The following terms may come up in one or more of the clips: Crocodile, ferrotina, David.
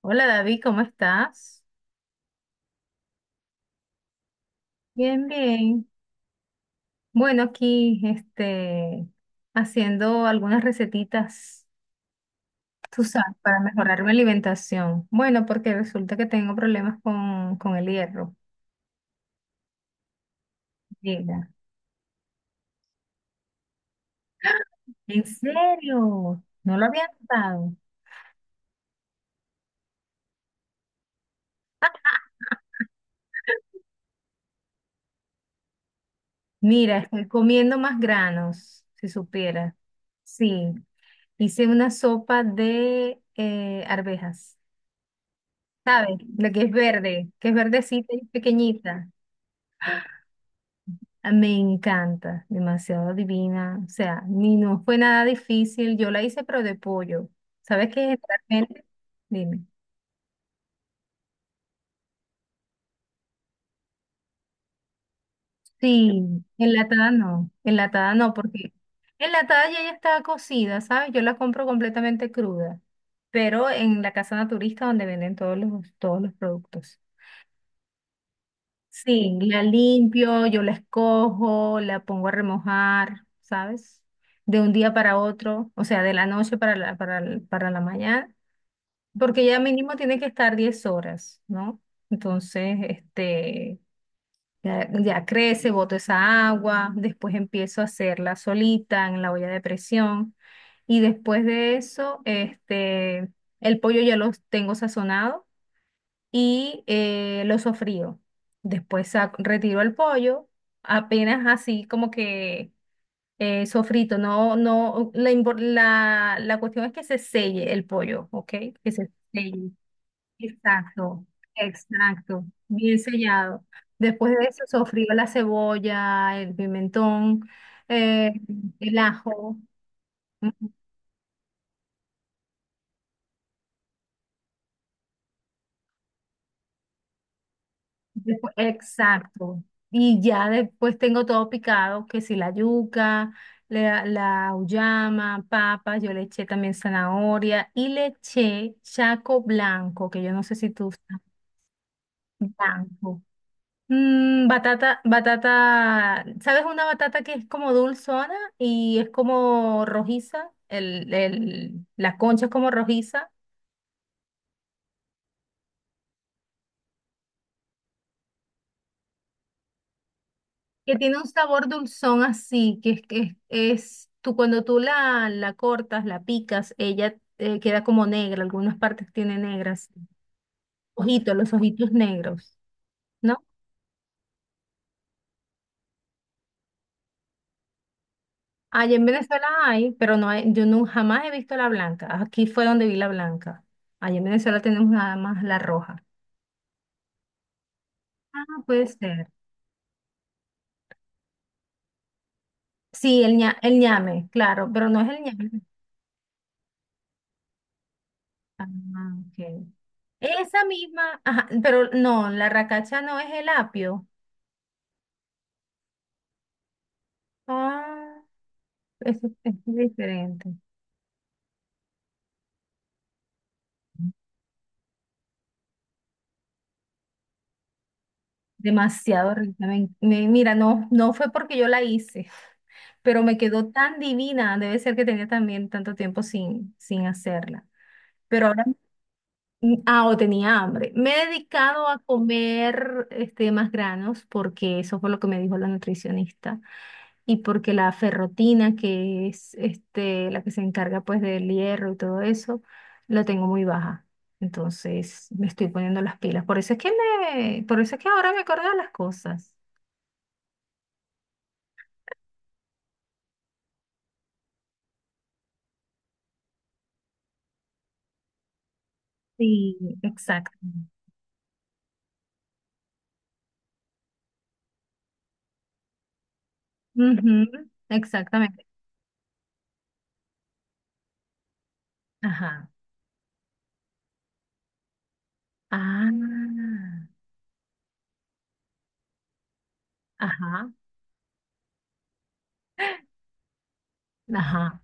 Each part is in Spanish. Hola David, ¿cómo estás? Bien, bien. Bueno, aquí haciendo algunas recetitas, tú sabes, para mejorar mi alimentación. Bueno, porque resulta que tengo problemas con el hierro. Mira. ¿En serio? No lo había notado. Mira, estoy comiendo más granos, si supiera. Sí, hice una sopa de arvejas. ¿Sabes? Lo que es verde, que es verdecita y pequeñita. Ah, me encanta, demasiado divina. O sea, ni no fue nada difícil. Yo la hice, pero de pollo. ¿Sabes qué? Generalmente, dime. Sí, enlatada no, porque enlatada ya está cocida, ¿sabes? Yo la compro completamente cruda, pero en la casa naturista donde venden todos los productos. Sí, la limpio, yo la escojo, la pongo a remojar, ¿sabes? De un día para otro, o sea, de la noche para la mañana, porque ya mínimo tiene que estar 10 horas, ¿no? Entonces, ya crece, boto esa agua, después empiezo a hacerla solita en la olla de presión y después de eso, el pollo ya lo tengo sazonado y lo sofrío. Después retiro el pollo, apenas así como que sofrito. No, no, la cuestión es que se selle el pollo, ¿ok? Que se selle. Exacto, exacto, bien sellado. Después de eso sofrío la cebolla, el pimentón, eh, el ajo. Exacto. Y ya después tengo todo picado, que si la yuca, la auyama, papa, yo le eché también zanahoria y le eché chaco blanco, que yo no sé si tú sabes, blanco. Batata, batata, ¿sabes una batata que es como dulzona y es como rojiza? La concha es como rojiza. Que tiene un sabor dulzón así, que es, tú cuando tú la cortas, la picas, ella queda como negra, algunas partes tiene negras, ojitos, los ojitos negros, ¿no? Allá en Venezuela hay, pero no hay, yo no, jamás he visto la blanca, aquí fue donde vi la blanca, allá en Venezuela tenemos nada más la roja. Ah, puede ser. Sí, el ñame, claro, pero no es el ñame. Ah, ok. Esa misma, ajá, pero no, la racacha no es el apio. Ah, eso es diferente. Demasiado rica. Mira, no, no fue porque yo la hice, pero me quedó tan divina. Debe ser que tenía también tanto tiempo sin hacerla. Pero ahora, ah, o tenía hambre. Me he dedicado a comer más granos porque eso fue lo que me dijo la nutricionista. Y porque la ferrotina, que es la que se encarga pues del hierro y todo eso, la tengo muy baja. Entonces me estoy poniendo las pilas. Por eso es que ahora me acordé de las cosas. Sí, exacto. Ujú, exactamente. Ajá. Ah, ajá, ajá.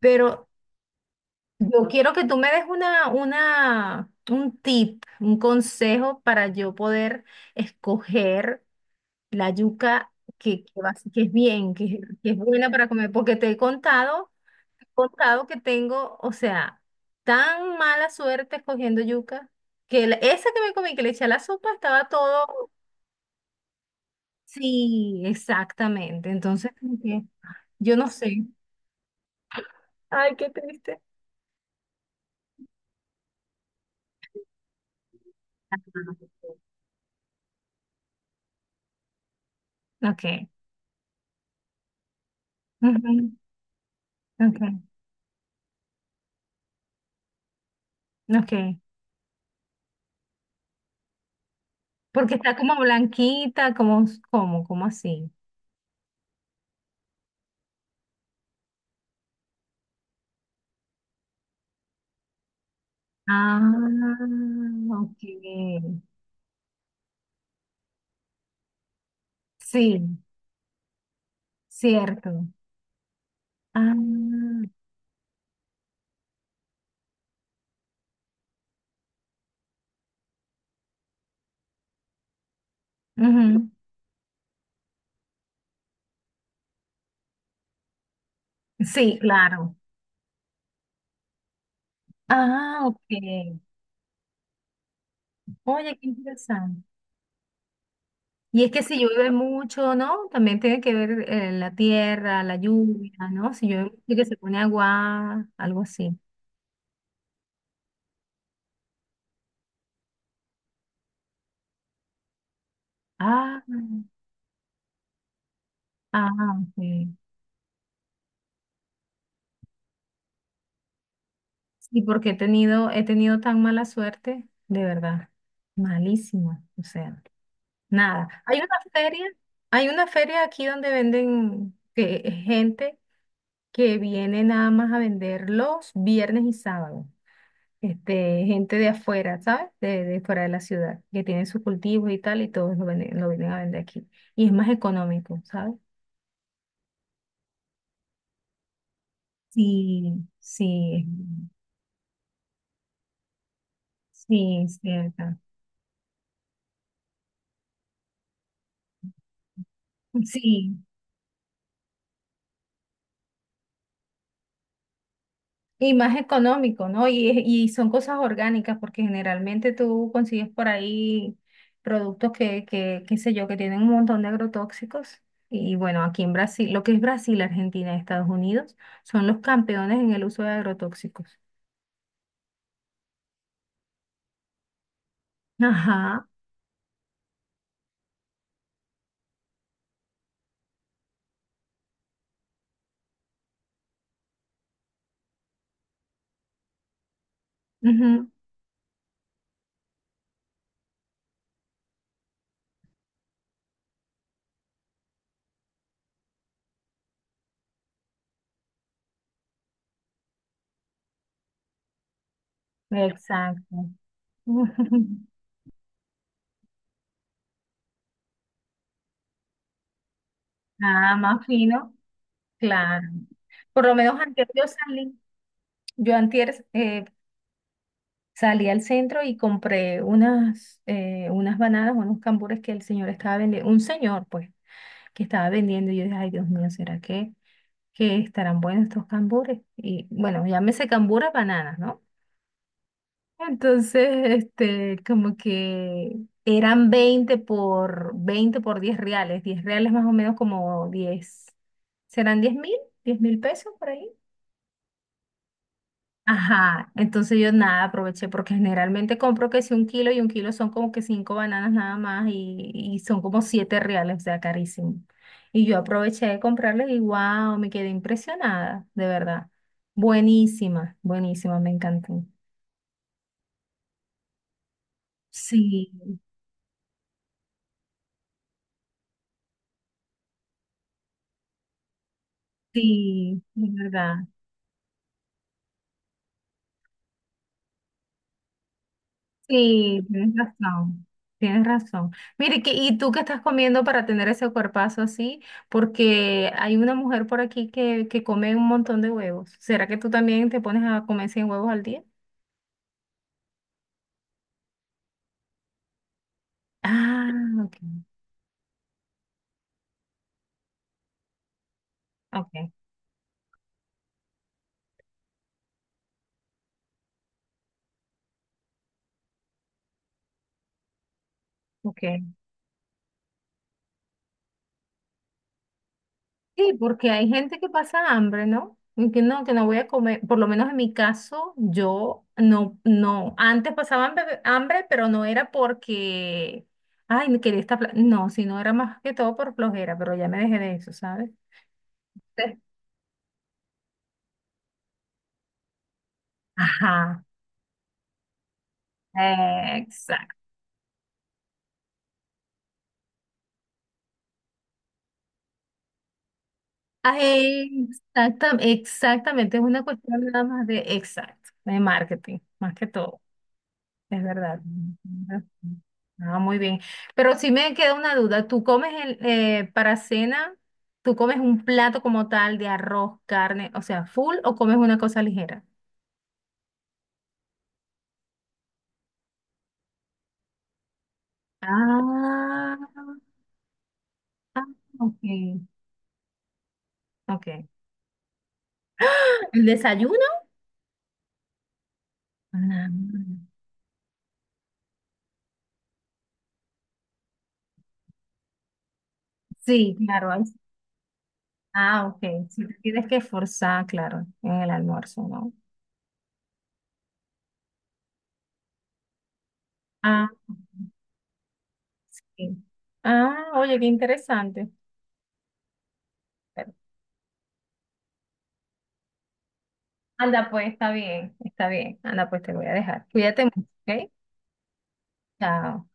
Pero yo quiero que tú me des un consejo para yo poder escoger la yuca que es bien, que es buena para comer, porque te he contado, contado que tengo, o sea, tan mala suerte escogiendo yuca, que esa que me comí, que le eché a la sopa, estaba todo, sí, exactamente, entonces, como que, yo no sé. Ay, qué triste. Ok, ujú, ok, ok, porque está como blanquita, como así. Ah, ok. Sí, cierto. Ah, ujú. Sí, claro. Ah, ok. Oye, qué interesante. Y es que si llueve mucho, ¿no? También tiene que ver la tierra, la lluvia, ¿no? Si llueve mucho que se pone agua, algo así. Ah, ah, ok. Sí, porque he tenido tan mala suerte, de verdad. Malísima. O sea, nada. Hay una feria aquí donde venden que, gente que viene nada más a vender los viernes y sábados. Gente de afuera, ¿sabes? De fuera de la ciudad, que tienen sus cultivos y tal, y todos lo venden, lo vienen a vender aquí. Y es más económico, ¿sabes? Sí, sí, sí, es cierto. Sí, y más económico, ¿no? Y son cosas orgánicas, porque generalmente tú consigues por ahí productos que, qué sé yo, que tienen un montón de agrotóxicos. Y bueno, aquí en Brasil, lo que es Brasil, Argentina y Estados Unidos, son los campeones en el uso de agrotóxicos. Ajá. Ujú, exacto. Nada más fino, claro. Por lo menos antes yo antier salí al centro y compré unas bananas, unos cambures que el señor estaba vendiendo, un señor pues, que estaba vendiendo y yo dije, ay Dios mío, ¿será que estarán buenos estos cambures? Y bueno, llámese cambures bananas, ¿no? Entonces, como que eran 20 por 20 por 10 reales, 10 reales más o menos como 10, ¿serán 10,000? ¿10,000 pesos por ahí? Ajá, entonces yo nada aproveché porque generalmente compro que si un kilo y un kilo son como que cinco bananas nada más y son como 7 reales, o sea, carísimo. Y yo aproveché de comprarles y wow, me quedé impresionada, de verdad. Buenísima, buenísima, me encantó. Sí, sí, de verdad. Sí, tienes razón, tienes razón. Mire, ¿y tú qué estás comiendo para tener ese cuerpazo así? Porque hay una mujer por aquí que come un montón de huevos. ¿Será que tú también te pones a comer 100 huevos al día? Ah, ok, ok, ok. Sí, porque hay gente que pasa hambre, ¿no? Y que no voy a comer. Por lo menos en mi caso, yo no, no. Antes pasaba hambre, hambre, pero no era porque, ay, me quería esta... pla-". No, sino era más que todo por flojera, pero ya me dejé de eso, ¿sabes? Sí. Ajá, exacto. Exactamente, exactamente, es una cuestión nada más de exacto, de marketing, más que todo. Es verdad. Ah, muy bien. Pero sí me queda una duda. ¿Tú comes para cena, tú comes un plato como tal de arroz, carne, o sea, full o comes una cosa ligera? Ah, ah, ok, ok. ¿El desayuno? Ah, sí, claro. Ahí sí. Ah, ok. Si te tienes que esforzar, claro, en el almuerzo, ¿no? Ah, sí. Ah, oye, qué interesante. Anda, pues, está bien, está bien. Anda, pues, te voy a dejar. Cuídate mucho, ¿ok? Chao.